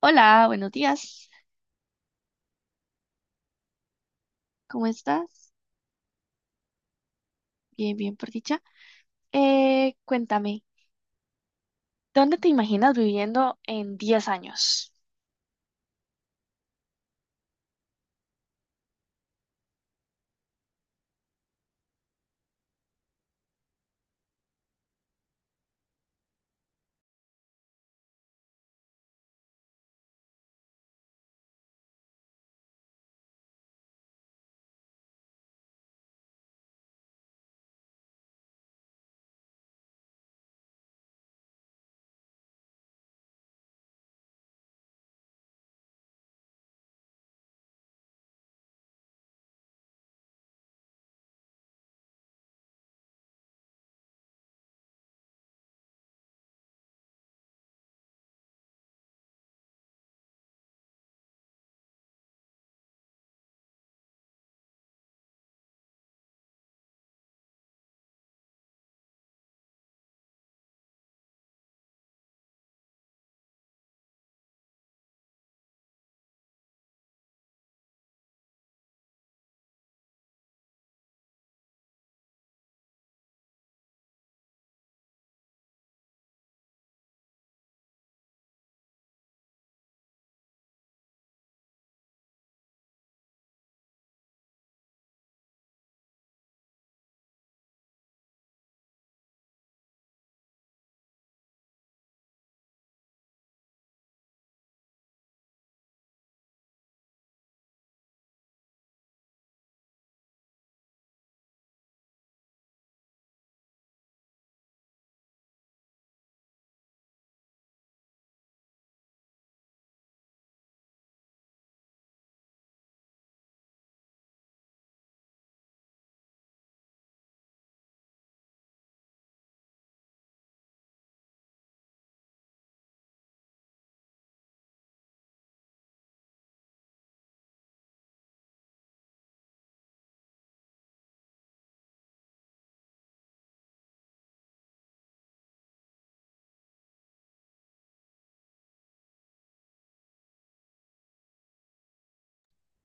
Hola, buenos días. ¿Cómo estás? Bien, bien, por dicha. Cuéntame, ¿dónde te imaginas viviendo en 10 años?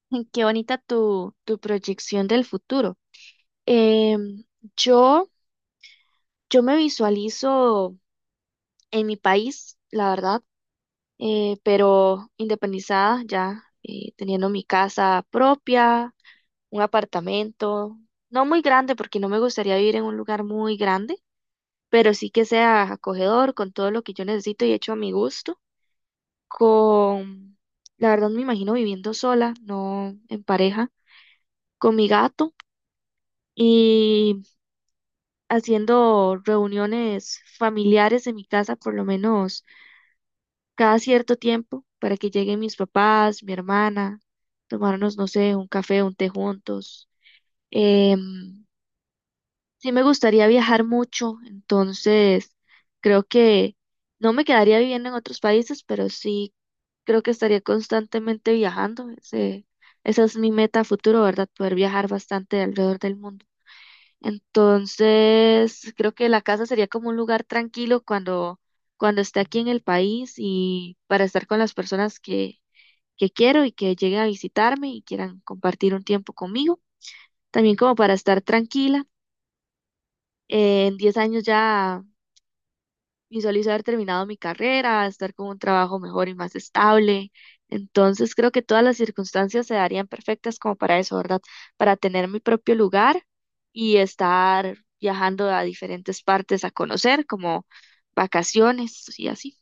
Qué bonita tu proyección del futuro. Em, yo, yo me visualizo en mi país, la verdad, pero independizada ya, teniendo mi casa propia, un apartamento, no muy grande porque no me gustaría vivir en un lugar muy grande pero sí que sea acogedor con todo lo que yo necesito y hecho a mi gusto. Con, la verdad me imagino viviendo sola, no en pareja, con mi gato y haciendo reuniones familiares en mi casa por lo menos cada cierto tiempo para que lleguen mis papás, mi hermana, tomarnos, no sé, un café, un té juntos. Em, Sí, me gustaría viajar mucho, entonces creo que no me quedaría viviendo en otros países, pero sí creo que estaría constantemente viajando. Esa es mi meta a futuro, ¿verdad? Poder viajar bastante alrededor del mundo. Entonces, creo que la casa sería como un lugar tranquilo cuando esté aquí en el país y para estar con las personas que quiero y que lleguen a visitarme y quieran compartir un tiempo conmigo. También como para estar tranquila. En 10 años ya visualizo haber terminado mi carrera, estar con un trabajo mejor y más estable. Entonces creo que todas las circunstancias se darían perfectas como para eso, ¿verdad? Para tener mi propio lugar y estar viajando a diferentes partes a conocer, como vacaciones y así.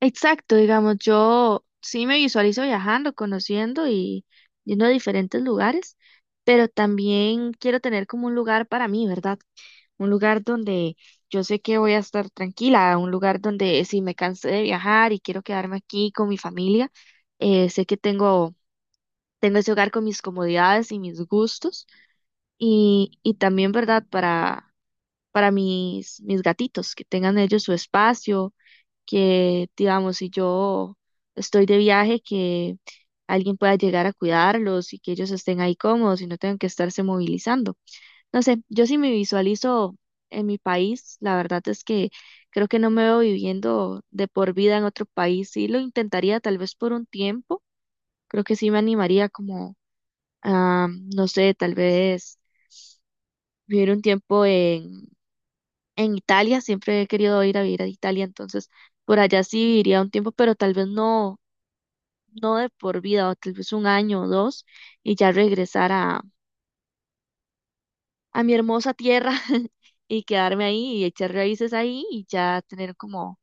Exacto, digamos, yo sí me visualizo viajando, conociendo y yendo a diferentes lugares, pero también quiero tener como un lugar para mí, ¿verdad? Un lugar donde yo sé que voy a estar tranquila, un lugar donde si me cansé de viajar y quiero quedarme aquí con mi familia, sé que tengo, tengo ese hogar con mis comodidades y mis gustos y también, ¿verdad? Para mis gatitos, que tengan ellos su espacio, que digamos, si yo estoy de viaje, que alguien pueda llegar a cuidarlos y que ellos estén ahí cómodos y no tengan que estarse movilizando. No sé, yo sí me visualizo en mi país, la verdad es que creo que no me veo viviendo de por vida en otro país. Sí lo intentaría tal vez por un tiempo, creo que sí me animaría como a, no sé, tal vez vivir un tiempo en Italia, siempre he querido ir a vivir a Italia, entonces por allá sí viviría un tiempo, pero tal vez no de por vida, o tal vez un año o dos y ya regresar a mi hermosa tierra y quedarme ahí y echar raíces ahí y ya tener como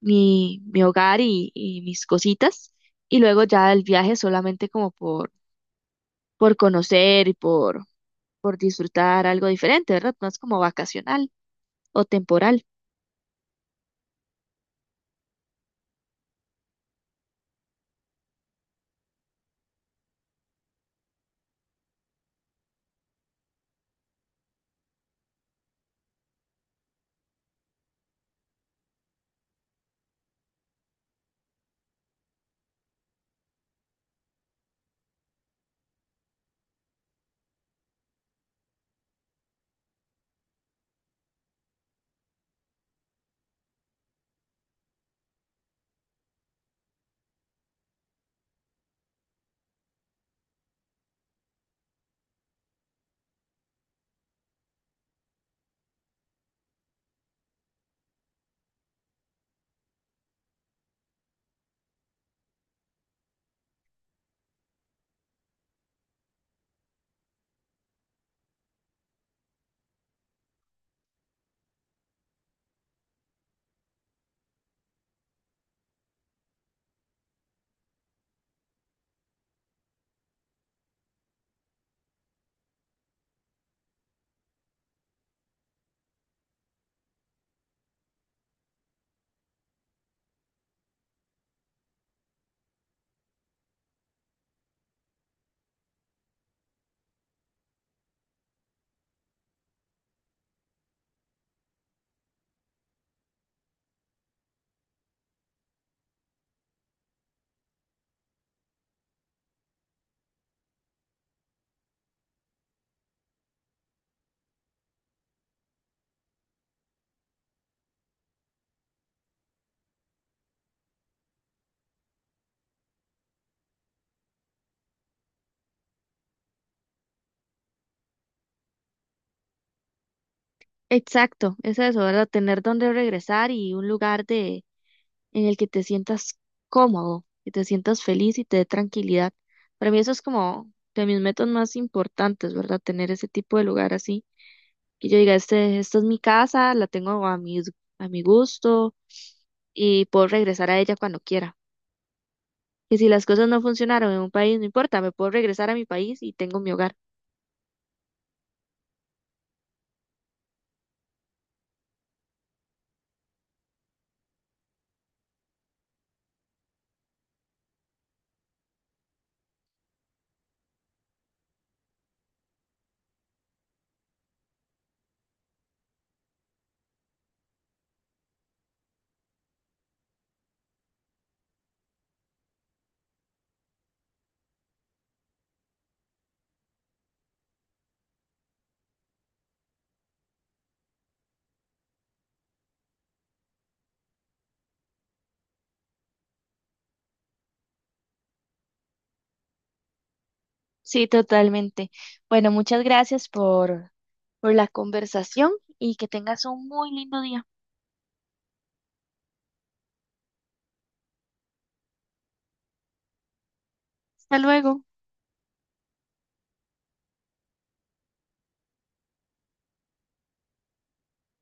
mi hogar y mis cositas. Y luego ya el viaje solamente como por conocer y por disfrutar algo diferente, ¿verdad? No es como vacacional o temporal. Exacto, es eso, ¿verdad? Tener donde regresar y un lugar de, en el que te sientas cómodo, que te sientas feliz y te dé tranquilidad. Para mí eso es como de mis metas más importantes, ¿verdad? Tener ese tipo de lugar así. Que yo diga, este, esta es mi casa, la tengo a a mi gusto y puedo regresar a ella cuando quiera. Que si las cosas no funcionaron en un país, no importa, me puedo regresar a mi país y tengo mi hogar. Sí, totalmente. Bueno, muchas gracias por la conversación y que tengas un muy lindo día. Hasta luego.